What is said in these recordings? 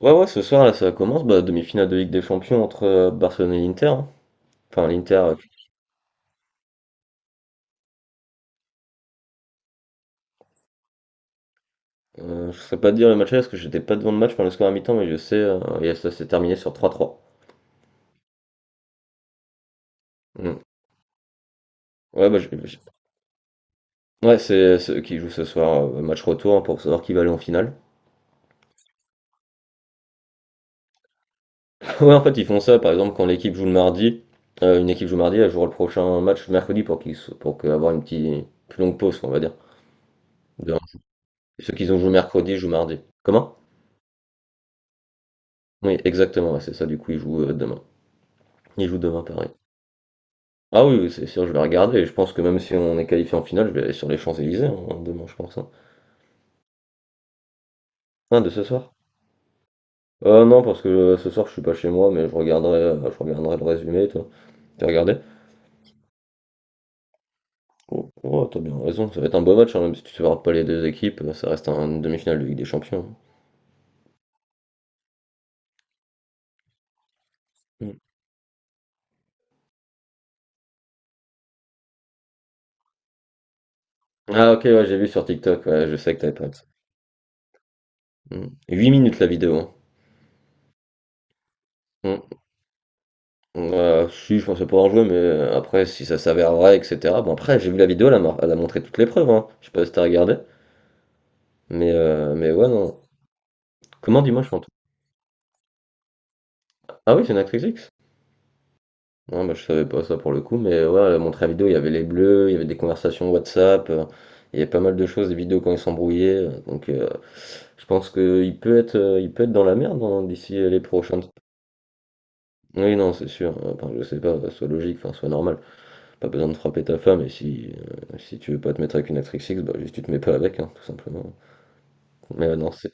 Ouais, ouais, ce soir, là, ça commence, demi-finale de Ligue des Champions entre Barcelone et l'Inter, hein. Enfin, l'Inter, je sais pas te dire le match là, parce que j'étais pas devant le match pendant le score à mi-temps, mais je sais, et ça s'est terminé sur 3-3. Mm. Ouais, ouais, c'est ceux qui jouent ce soir, match retour, hein, pour savoir qui va aller en finale. Ouais, en fait, ils font ça, par exemple, quand l'équipe joue le mardi, une équipe joue mardi, elle jouera le prochain match mercredi pour qu'ils, avoir une petite, plus longue pause, on va dire. De- Ceux qui ont joué mercredi jouent mardi. Comment? Oui, exactement, ouais, c'est ça, du coup, ils jouent demain. Ils jouent demain, pareil. Ah oui, oui, c'est sûr, je vais regarder. Je pense que même si on est qualifié en finale, je vais aller sur les Champs-Élysées hein, demain, je pense, hein. Ah, de ce soir? Non, parce que ce soir, je suis pas chez moi, mais je regarderai le résumé, toi. T'as regardé? Oh, oh, t'as bien raison, ça va être un beau match, hein, même si tu ne supportes pas les deux équipes, ça reste une demi-finale de Ligue des Champions. Mm. Ah ok, ouais, j'ai vu sur TikTok, ouais, je sais que t'avais pas de ça. Mm. 8 minutes la vidéo, hein. Mm. Si, je pensais pas en jouer, mais après, si ça s'avère vrai, etc. Bon, après, j'ai vu la vidéo, elle a, elle a montré toutes les preuves, hein. Je sais pas si t'as regardé. Mais ouais, non. Comment, dis-moi, je suis en tout. Ah oui, c'est une actrice X? Non, bah, je savais pas ça pour le coup, mais ouais, mon la vidéo, il y avait les bleus, il y avait des conversations WhatsApp, il y avait pas mal de choses, des vidéos quand ils s'embrouillaient, donc, je pense que il peut être dans la merde hein, d'ici les prochaines. Oui, non, c'est sûr. Enfin, je sais pas, soit logique, enfin, soit normal. Pas besoin de frapper ta femme, et si, si tu veux pas te mettre avec une actrice X, bah, juste tu te mets pas avec, hein, tout simplement. Mais non, c'est.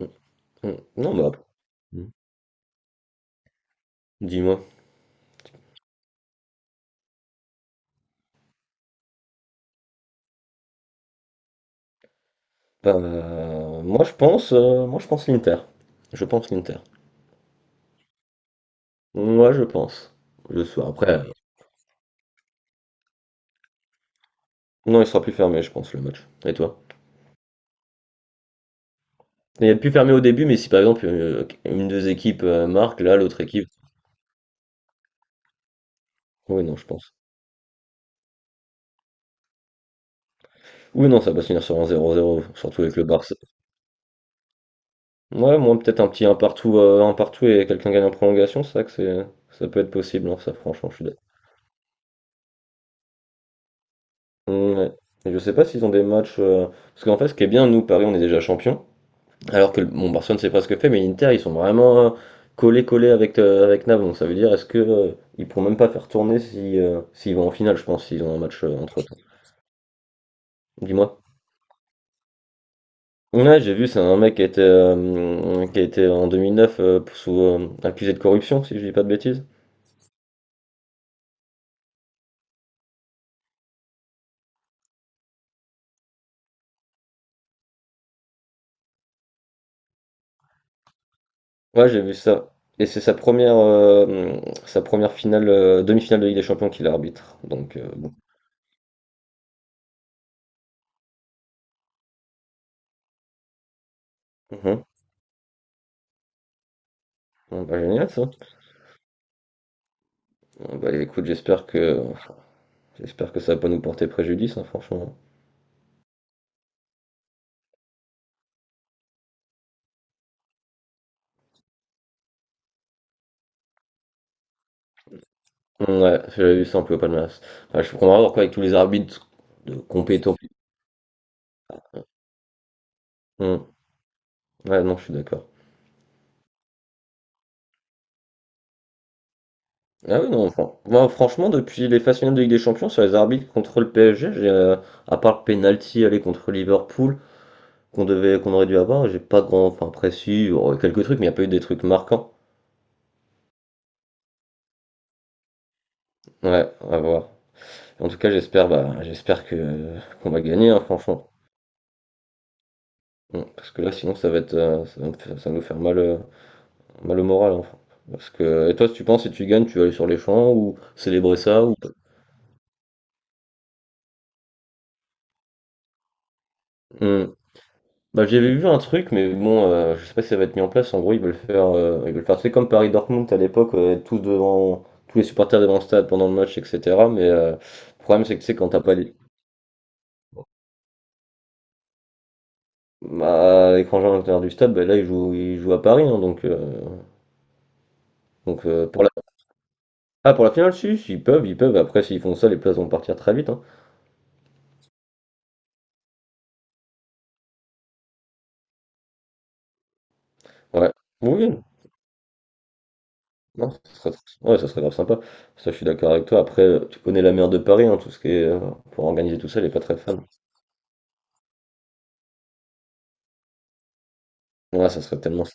mm, mm. Non, bah, dis-moi. Moi je pense, moi je pense l'Inter. Je pense l'Inter. Moi je pense. Le soir. Après, non, il sera plus fermé, je pense, le match. Et toi? Il est plus fermé au début, mais si par exemple une des équipes marque, là l'autre équipe. Oui, non, je pense. Oui, non, ça va se finir sur un 0-0, surtout avec le Barça. Ouais, moi peut-être un petit un partout et quelqu'un gagne en prolongation, c'est ça que c'est, ça peut être possible, hein, ça franchement, je suis d'accord. Ouais. Et je sais pas s'ils ont des matchs, parce qu'en fait, ce qui est bien, nous Paris, on est déjà champion. Alors que bon, Barcelone c'est pas ce que fait, mais l'Inter ils sont vraiment collés collés avec avec Naples. Donc ça veut dire est-ce que ils pourront même pas faire tourner si s'ils vont en finale, je pense, s'ils ont un match entre temps. Dis-moi. Ouais, j'ai vu, c'est un mec qui a été en 2009 sous, accusé de corruption, si je dis pas de bêtises. Ouais, j'ai vu ça. Et c'est sa première finale, demi-finale de Ligue des Champions qu'il arbitre. Donc bon. Mhm. Bon, bah, génial ça. Bon, bah écoute, j'espère que ça va pas nous porter préjudice, hein, franchement. Ouais, j'avais vu ça un peu au palmarès. Bah, je comprends pas pourquoi avec tous les arbitres de compétents. Hmm. Ouais, non, je suis d'accord. Ah oui, non, moi, franchement, depuis les phases finales de Ligue des Champions, sur les arbitres contre le PSG, à part le penalty aller contre Liverpool, qu'on aurait dû avoir, j'ai pas grand, enfin, précis, il y aurait quelques trucs, mais il n'y a pas eu des trucs marquants. Ouais, à voir. En tout cas, j'espère, bah, j'espère que qu'on va gagner, hein, franchement. Hmm, parce que là, sinon, ça va être, ça va nous faire mal, bah, le moral, en fait. Parce que, et toi, si tu penses, si tu gagnes, tu vas aller sur les champs ou célébrer ça ou... Hmm. Bah, j'avais vu un truc, mais bon, je sais pas si ça va être mis en place. En gros, ils veulent faire, c'est comme Paris-Dortmund à l'époque, être tous devant, tous les supporters devant le stade pendant le match, etc. Mais le problème, c'est que c'est quand t'as pas les, bah, à l'étranger à l'intérieur du stade, bah, là, ils jouent à Paris, hein, donc, pour la, ah, pour la finale, si, si, ils peuvent, ils peuvent. Après, s'ils font ça, les places vont partir très vite, hein. Ouais. Oui, non, ça serait, ouais, ça serait grave sympa. Ça, je suis d'accord avec toi. Après, tu connais la mer de Paris, hein, tout ce qui est pour organiser tout ça, elle est pas très fan. Ouais, ça serait tellement,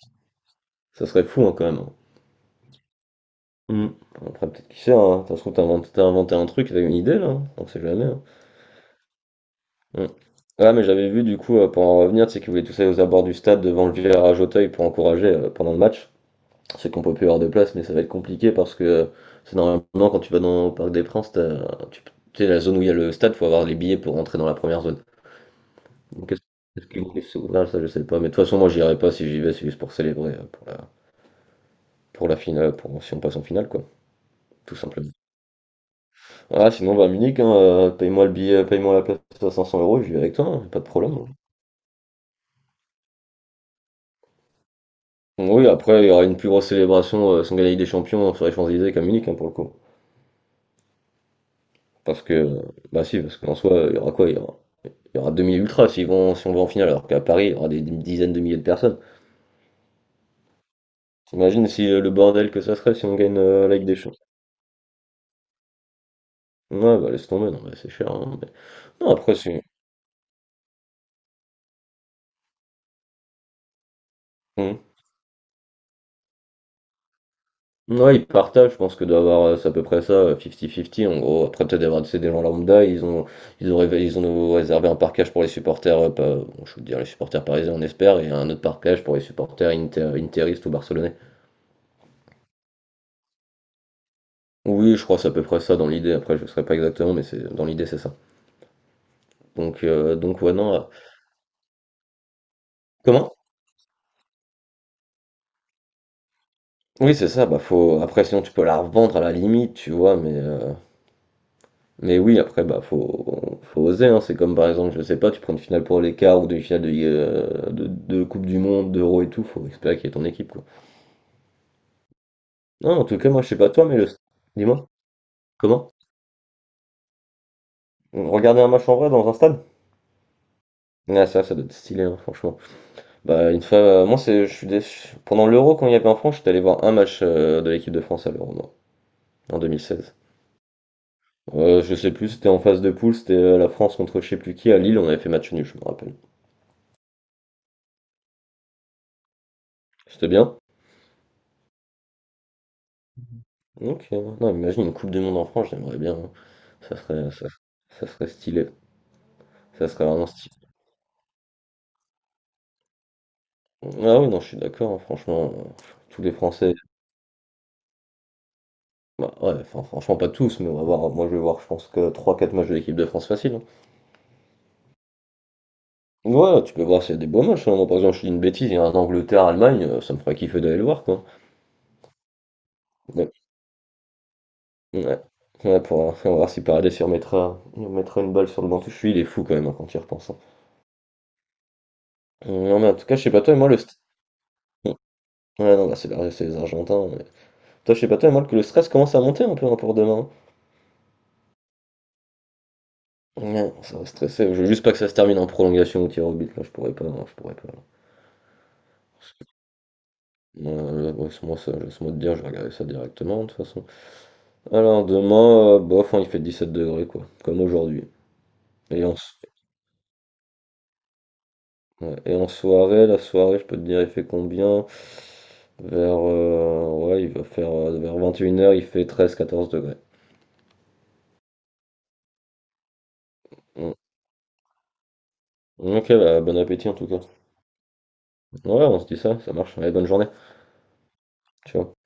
ça serait fou hein, quand même, hein. Hmm. Après, peut-être qui sait, hein. Ça se trouve, t'as inventé un truc, t'as eu une idée là, hein, on sait jamais, hein. Hmm. Ah, mais j'avais vu du coup, pour en revenir, tu sais qu'ils voulaient tous aller aux abords du stade devant le virage Auteuil pour encourager pendant le match. C'est qu'on peut plus avoir de place, mais ça va être compliqué parce que c'est normalement quand tu vas dans au Parc des Princes, tu tu sais, la zone où il y a le stade, faut avoir les billets pour rentrer dans la première zone. Qu'est-ce Qu'est-ce qui me kiffe souvenir, ça je sais pas. Mais de toute façon, moi j'irai pas si j'y vais, c'est juste pour célébrer, pour la finale, pour si on passe en finale, quoi, tout simplement. Ah, sinon, va à Munich, hein, paye-moi le billet, paye-moi la place à 500 euros, je vais avec toi, hein, pas de problème, hein. Oui, après, il y aura une plus grosse célébration sans gagner des champions sur les Champs-Élysées qu'à Munich, hein, pour le coup. Parce que, bah si, parce qu'en soi, il y aura quoi? Il y aura 2 000 ultras s'ils vont, si on va en finale, alors qu'à Paris, il y aura des dizaines de milliers de personnes. T'imagines si le bordel que ça serait si on gagne la Ligue des Champions? Ouais, bah laisse tomber, non mais c'est cher, hein, mais... Non, après c'est... Hmm. Ouais, ils partagent, je pense que doit avoir, c'est à peu près ça, 50-50 en gros. Après peut-être d'avoir c'est des gens lambda, ils ont réservé un parquage pour les supporters, bon, je veux dire les supporters parisiens on espère, et un autre parquage pour les supporters interistes ou barcelonais. Oui, je crois que c'est à peu près ça dans l'idée, après je ne saurais pas exactement, mais c'est dans l'idée c'est ça. Donc, ouais, non... Comment? Oui, c'est ça, bah faut... Après sinon tu peux la revendre à la limite, tu vois, mais... mais oui, après, bah, faut, faut oser, hein. C'est comme par exemple, je sais pas, tu prends une finale pour les quarts ou demi finale de, de Coupe du Monde, d'Euro et tout, faut espérer qu'il y ait ton équipe, quoi. Non, en tout cas, moi, je sais pas toi, mais le. Dis-moi, comment? Regarder un match en vrai dans un stade? Ah, ça doit être stylé, hein, franchement. Bah, une fois, je suis pendant l'Euro, quand il y avait en France, j'étais allé voir un match de l'équipe de France à l'Euro, moi, en 2016. Je sais plus, c'était en phase de poule, c'était la France contre je sais plus qui à Lille, on avait fait match nul, je me rappelle. C'était bien? Ok, ouais, non, imagine une Coupe du Monde en France, j'aimerais bien, hein. Ça serait, ça serait stylé. Ça serait vraiment stylé. Ah oui, non, je suis d'accord, hein, franchement, tous les Français. Bah ouais, enfin, franchement, pas tous, mais on va voir. Moi, je vais voir, je pense que trois, quatre matchs de l'équipe de France facile, hein. Ouais, tu peux voir s'il y a des beaux matchs, hein. Moi, par exemple, je dis une bêtise, il y a un Angleterre-Allemagne, ça me ferait kiffer d'aller le voir, quoi. Ouais, ouais. Ouais, pour, on va voir si Paredes il remettra une balle sur le banc. Je suis, il est fou quand même hein, quand il repense, hein. Non, mais en tout cas, je sais pas toi, et moi, le st-. Ouais, non, bah, c'est les Argentins. Toi, je sais pas toi, mais moi que le stress commence à monter un peu hein, pour demain. Ouais, ça va stresser. Je veux juste pas que ça se termine en prolongation ou tir au but. Là, je pourrais pas, hein, je pourrais pas. Là, ouais, laisse-moi ça, laisse-moi te dire, je vais regarder ça directement de toute façon. Alors demain, bof, hein, il fait 17 degrés quoi, comme aujourd'hui. Et en, s- ouais, et en soirée, la soirée, je peux te dire, il fait combien? Vers, ouais, il va faire vers 21 heures il fait 13-14 degrés. Mm. Ok, bah, bon appétit en tout cas. Ouais, on se dit ça, ça marche. Allez, bonne journée. Ciao.